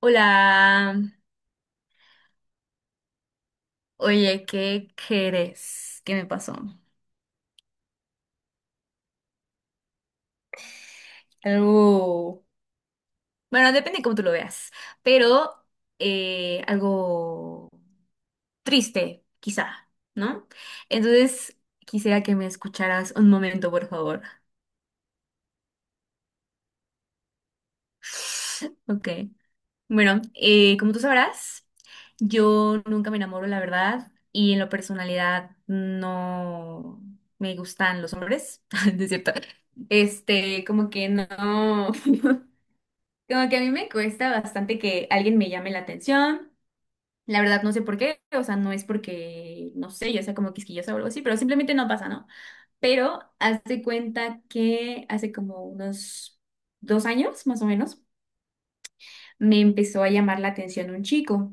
Hola, oye, ¿qué crees? ¿Qué me pasó? Algo, bueno, depende de cómo tú lo veas, pero algo triste, quizá, ¿no? Entonces, quisiera que me escucharas un momento, por favor. Ok. Bueno, como tú sabrás, yo nunca me enamoro, la verdad, y en la personalidad no me gustan los hombres, ¿no es cierto? Como que no, como que a mí me cuesta bastante que alguien me llame la atención. La verdad, no sé por qué, o sea, no es porque, no sé, yo sea como quisquillosa o algo así, pero simplemente no pasa, ¿no? Pero hazte cuenta que hace como unos 2 años, más o menos, me empezó a llamar la atención un chico.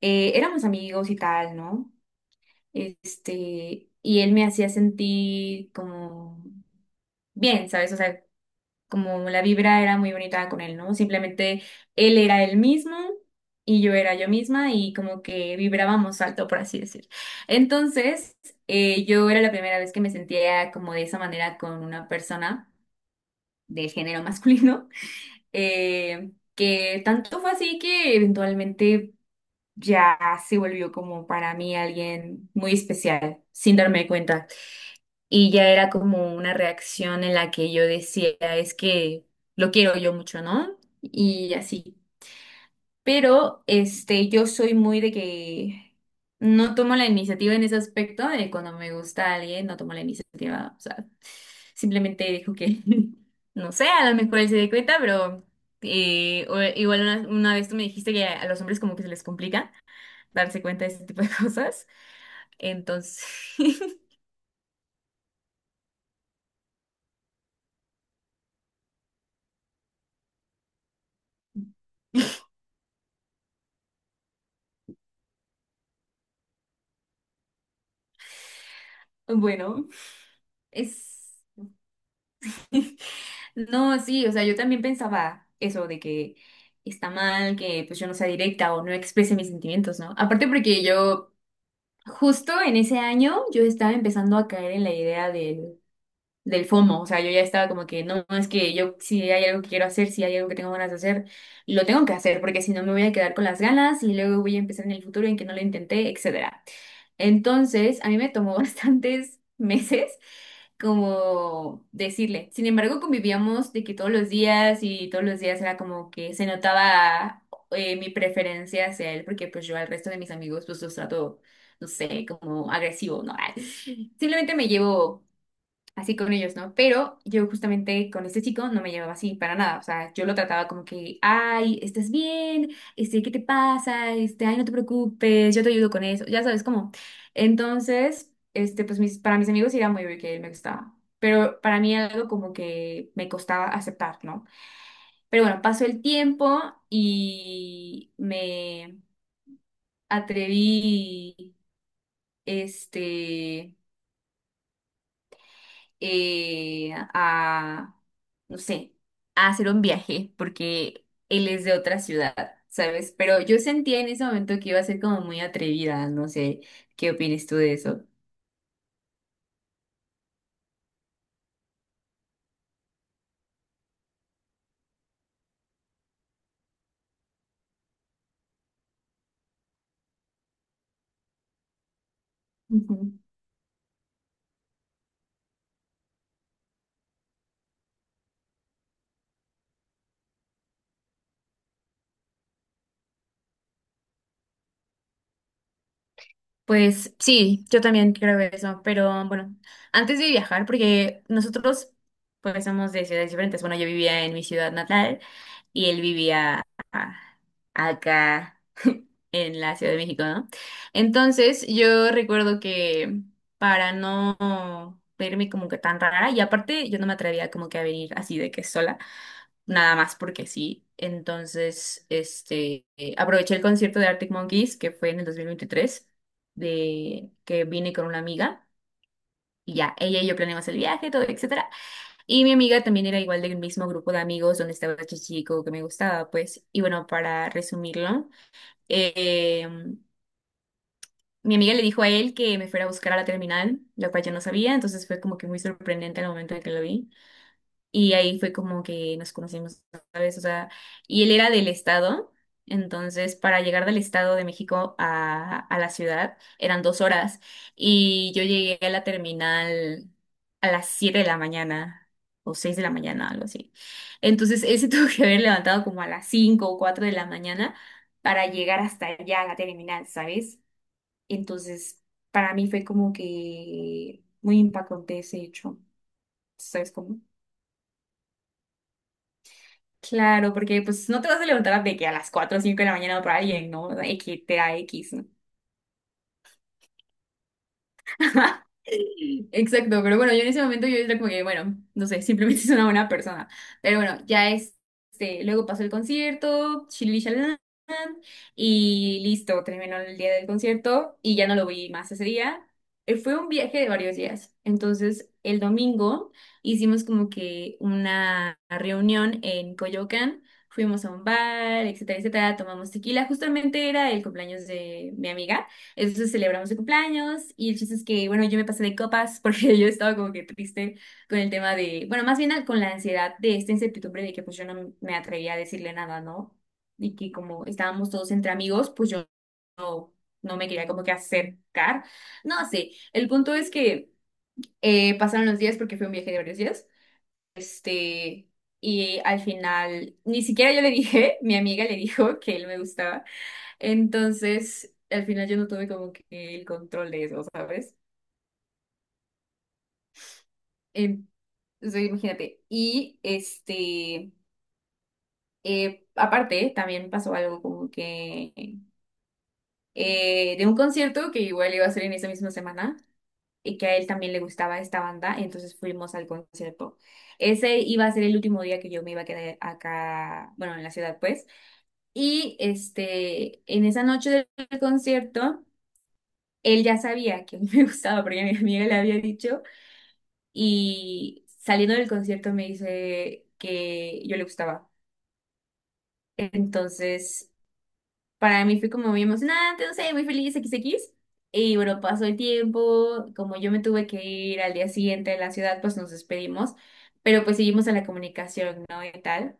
Éramos amigos y tal, ¿no? Y él me hacía sentir como bien, ¿sabes? O sea, como la vibra era muy bonita con él, ¿no? Simplemente él era él mismo y yo era yo misma y como que vibrábamos alto, por así decir. Entonces, yo era la primera vez que me sentía como de esa manera con una persona de género masculino, que tanto fue así que eventualmente ya se volvió como para mí alguien muy especial, sin darme cuenta. Y ya era como una reacción en la que yo decía, es que lo quiero yo mucho, ¿no? Y así. Pero yo soy muy de que no tomo la iniciativa en ese aspecto, de cuando me gusta alguien, no tomo la iniciativa. O sea, simplemente dejo que, no sé, a lo mejor él se dé cuenta, pero igual una vez tú me dijiste que a los hombres como que se les complica darse cuenta de este tipo de cosas. Entonces, bueno, es... No, sí, o sea, yo también pensaba eso de que está mal que pues yo no sea directa o no exprese mis sentimientos, ¿no? Aparte porque yo justo en ese año yo estaba empezando a caer en la idea del FOMO, o sea, yo ya estaba como que no, es que yo si hay algo que quiero hacer, si hay algo que tengo ganas de hacer, lo tengo que hacer porque si no me voy a quedar con las ganas y luego voy a empezar en el futuro en que no lo intenté, etcétera. Entonces, a mí me tomó bastantes meses como decirle. Sin embargo, convivíamos de que todos los días y todos los días era como que se notaba mi preferencia hacia él, porque pues yo al resto de mis amigos pues los trato, no sé, como agresivo, ¿no? Simplemente me llevo así con ellos, ¿no? Pero yo justamente con este chico no me llevaba así para nada, o sea, yo lo trataba como que, ay, ¿estás bien? ¿Qué te pasa? Ay, no te preocupes, yo te ayudo con eso, ya sabes cómo. Entonces, pues para mis amigos sí era muy obvio que él me gustaba, pero para mí era algo como que me costaba aceptar, ¿no? Pero bueno, pasó el tiempo y me atreví, este... eh, a, no sé, a hacer un viaje, porque él es de otra ciudad, ¿sabes? Pero yo sentía en ese momento que iba a ser como muy atrevida, no sé, ¿qué opinas tú de eso? Ujú. Pues sí, yo también creo eso, pero bueno, antes de viajar, porque nosotros pues somos de ciudades diferentes, bueno, yo vivía en mi ciudad natal y él vivía a- acá en la Ciudad de México, ¿no? Entonces yo recuerdo que para no verme como que tan rara, y aparte yo no me atrevía como que a venir así de que sola nada más porque sí. Entonces, aproveché el concierto de Arctic Monkeys, que fue en el 2023 que vine con una amiga, y ya, ella y yo planeamos el viaje, todo, etcétera. Y mi amiga también era igual del mismo grupo de amigos donde estaba este chico que me gustaba, pues. Y bueno, para resumirlo, eh, mi amiga le dijo a él que me fuera a buscar a la terminal, lo cual yo no sabía, entonces fue como que muy sorprendente el momento en que lo vi. Y ahí fue como que nos conocimos, ¿sabes? O sea, y él era del estado, entonces para llegar del estado de México a la ciudad eran 2 horas y yo llegué a la terminal a las 7 de la mañana o 6 de la mañana, algo así. Entonces él se tuvo que haber levantado como a las 5 o 4 de la mañana para llegar hasta allá a la terminal, ¿sabes? Entonces para mí fue como que muy impactante ese hecho, ¿sabes cómo? Claro, porque pues no te vas a levantar de que a las 4 o 5 de la mañana por alguien, ¿no? X, te da X, ¿no? Exacto, pero bueno, yo en ese momento yo era como que, bueno, no sé, simplemente es una buena persona. Pero bueno, ya luego pasó el concierto, shilili shalalán, y listo, terminó el día del concierto y ya no lo vi más ese día. Fue un viaje de varios días. Entonces, el domingo hicimos como que una reunión en Coyoacán. Fuimos a un bar, etcétera, etcétera, tomamos tequila. Justamente era el cumpleaños de mi amiga. Entonces celebramos su cumpleaños y el chiste es que, bueno, yo me pasé de copas porque yo estaba como que triste con el tema de, bueno, más bien con la ansiedad de esta incertidumbre de que pues yo no me atrevía a decirle nada, ¿no? Y que como estábamos todos entre amigos, pues yo no me quería como que acercar. No sé, el punto es que pasaron los días porque fue un viaje de varios días. Este, y al final, ni siquiera yo le dije, mi amiga le dijo que él me gustaba. Entonces, al final yo no tuve como que el control de eso, ¿sabes? Em, o imagínate. Y aparte, también pasó algo como que de un concierto que igual iba a ser en esa misma semana y que a él también le gustaba esta banda, entonces fuimos al concierto. Ese iba a ser el último día que yo me iba a quedar acá, bueno, en la ciudad, pues. Y en esa noche del concierto, él ya sabía que a mí me gustaba porque mi amiga le había dicho y saliendo del concierto me dice que yo le gustaba. Entonces, para mí fue como muy emocionante, no sé, muy feliz, XX. Y bueno, pasó el tiempo, como yo me tuve que ir al día siguiente de la ciudad, pues nos despedimos, pero pues seguimos en la comunicación, ¿no? Y tal.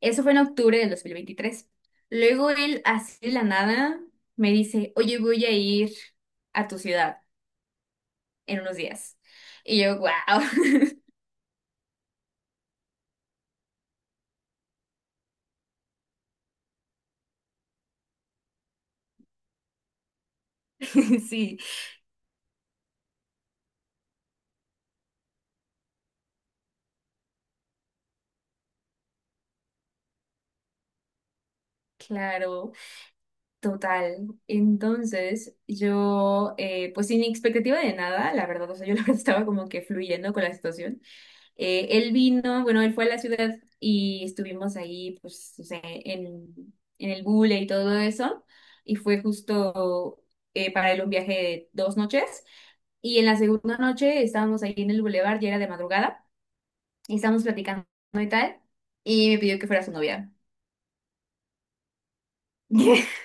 Eso fue en octubre del 2023. Luego él, así de la nada, me dice, oye, voy a ir a tu ciudad en unos días. Y yo, wow, sí, claro. Total. Entonces, yo, pues sin expectativa de nada, la verdad, o sea, yo la verdad estaba como que fluyendo con la situación. Él vino, bueno, él fue a la ciudad y estuvimos ahí, pues, o sea, en el Gule y todo eso. Y fue justo para él un viaje de 2 noches. Y en la segunda noche estábamos ahí en el bulevar, ya era de madrugada, y estábamos platicando y tal, y me pidió que fuera su novia.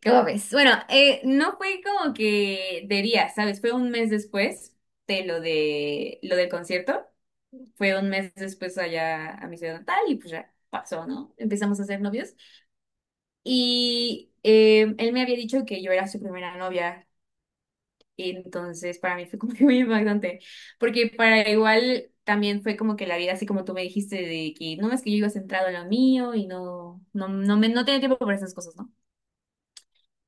¿Qué ves? Bueno, no fue como que de día, ¿sabes? Fue un mes después de lo del concierto. Fue un mes después allá a mi ciudad natal y pues ya pasó, ¿no? Empezamos a ser novios. Y él me había dicho que yo era su primera novia. Y entonces para mí fue como que muy impactante. Porque para igual también fue como que la vida, así como tú me dijiste, de que no es que yo iba centrado en lo mío y no, no, no me no tenía tiempo para esas cosas, ¿no?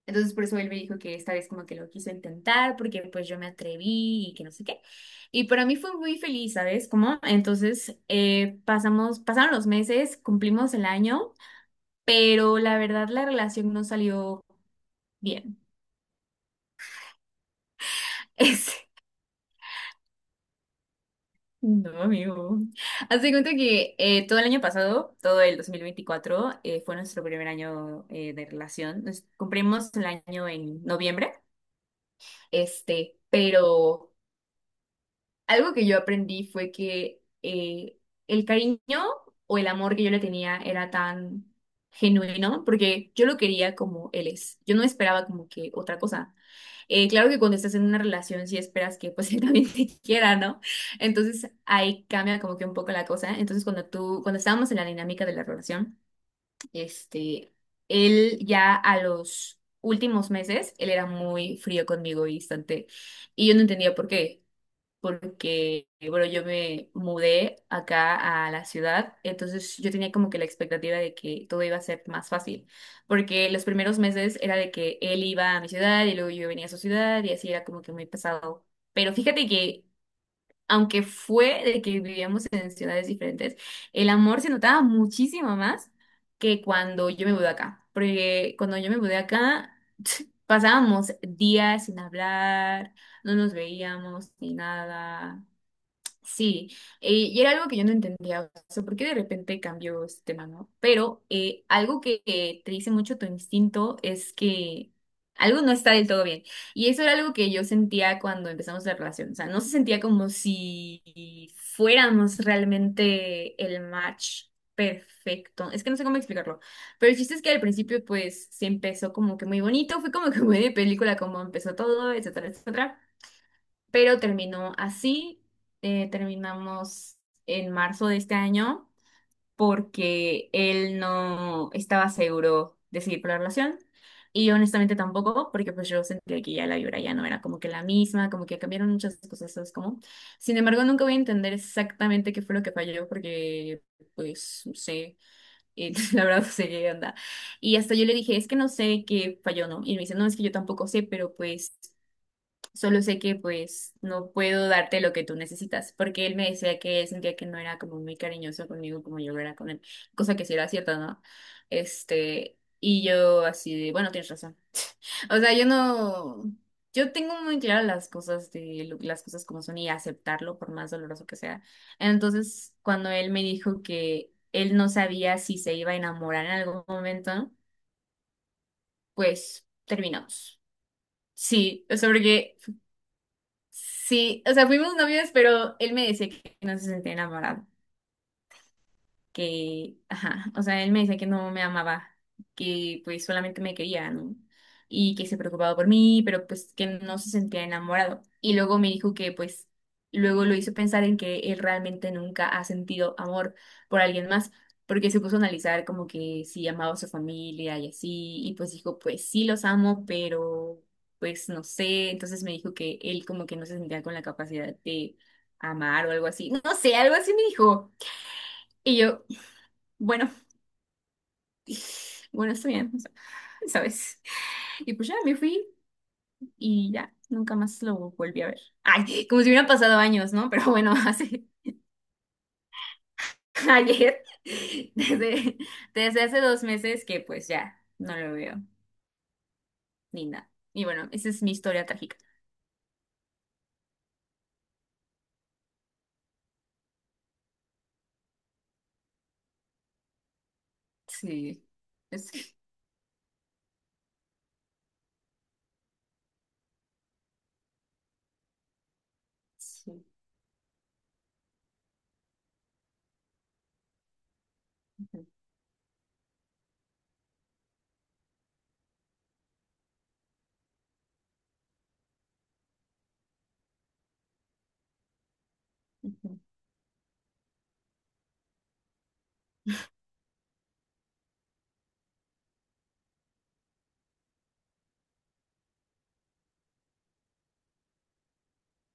Entonces por eso él me dijo que esta vez como que lo quiso intentar porque pues yo me atreví y que no sé qué. Y para mí fue muy feliz, ¿sabes? Como entonces pasaron los meses, cumplimos el año, pero la verdad la relación no salió bien. Es, no, amigo. Hazte cuenta que todo el año pasado, todo el 2024, fue nuestro primer año de relación. Nos cumplimos el año en noviembre, pero... Algo que yo aprendí fue que el cariño o el amor que yo le tenía era tan genuino, porque yo lo quería como él es. Yo no esperaba como que otra cosa. Claro que cuando estás en una relación sí esperas que pues él también te quiera, ¿no? Entonces ahí cambia como que un poco la cosa. Entonces cuando tú, cuando estábamos en la dinámica de la relación, este, él ya a los últimos meses, él era muy frío conmigo y distante. Y yo no entendía por qué porque, bueno, yo me mudé acá a la ciudad, entonces yo tenía como que la expectativa de que todo iba a ser más fácil, porque los primeros meses era de que él iba a mi ciudad y luego yo venía a su ciudad y así era como que muy pesado. Pero fíjate que, aunque fue de que vivíamos en ciudades diferentes, el amor se notaba muchísimo más que cuando yo me mudé acá, porque cuando yo me mudé acá... Pasábamos días sin hablar, no nos veíamos ni nada. Sí, y era algo que yo no entendía, o sea, ¿por qué de repente cambió este tema, no? Pero algo que te dice mucho tu instinto es que algo no está del todo bien. Y eso era algo que yo sentía cuando empezamos la relación, o sea, no se sentía como si fuéramos realmente el match perfecto. Es que no sé cómo explicarlo, pero el chiste es que al principio pues se empezó como que muy bonito, fue como que muy de película, como empezó todo, etcétera, etcétera, pero terminó así. Terminamos en marzo de este año porque él no estaba seguro de seguir con la relación y yo honestamente tampoco porque pues yo sentía que ya la vibra ya no era como que la misma, como que cambiaron muchas cosas, ¿sabes cómo? Sin embargo, nunca voy a entender exactamente qué fue lo que falló porque pues no sé, la verdad no sé qué onda. Y hasta yo le dije, es que no sé qué falló, ¿no? Y me dice, no, es que yo tampoco sé, pero pues... Solo sé que pues no puedo darte lo que tú necesitas, porque él me decía que él sentía que no era como muy cariñoso conmigo como yo lo era con él, cosa que sí era cierta, ¿no? Y yo así de, bueno, tienes razón. O sea, yo no, yo tengo muy claras las cosas de las cosas como son y aceptarlo por más doloroso que sea. Entonces, cuando él me dijo que él no sabía si se iba a enamorar en algún momento, pues terminamos. Sí, o sea, porque sí, o sea, fuimos novios, pero él me decía que no se sentía enamorado, que, ajá, o sea, él me decía que no me amaba, que pues solamente me quería, ¿no? Y que se preocupaba por mí, pero pues que no se sentía enamorado. Y luego me dijo que pues luego lo hizo pensar en que él realmente nunca ha sentido amor por alguien más, porque se puso a analizar como que si amaba a su familia y así, y pues dijo, pues sí los amo, pero pues no sé, entonces me dijo que él como que no se sentía con la capacidad de amar o algo así, no sé, algo así me dijo. Y yo, bueno. Bueno, está bien, o sea, ¿sabes? Y pues ya me fui y ya, nunca más lo volví a ver. Ay, como si hubieran pasado años, ¿no? Pero bueno, hace ayer, desde, desde hace 2 meses que pues ya no lo veo ni nada. Y bueno, esa es mi historia trágica. Sí, es- sí. Ujú, ujú,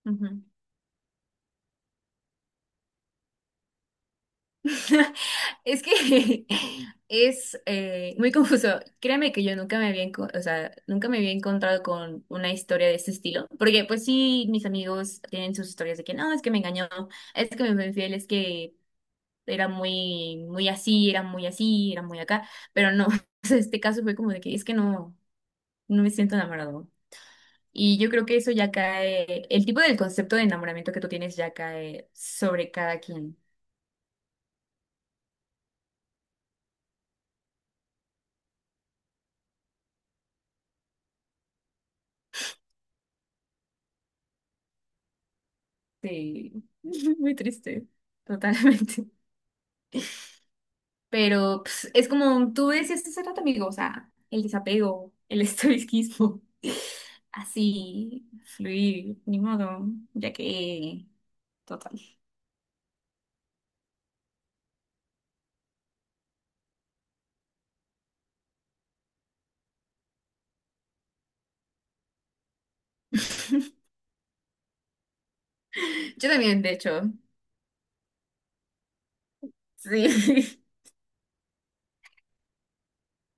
ujú. Es que es muy confuso. Créeme que yo nunca o sea, nunca me había encontrado con una historia de este estilo, porque pues sí, mis amigos tienen sus historias de que no, es que me engañó, es que me fue infiel, es que era muy, muy así, era muy así, era muy acá, pero no, o sea, este caso fue como de que es que no, no me siento enamorado. Y yo creo que eso ya cae, el tipo del concepto de enamoramiento que tú tienes ya cae sobre cada quien. Sí, muy triste, totalmente. Pero pues, es como tú decías hace rato, amigo, o sea, el desapego, el estoicismo, así, fluir, ni modo, ya que, total. Yo también, de hecho, sí.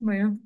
Bueno.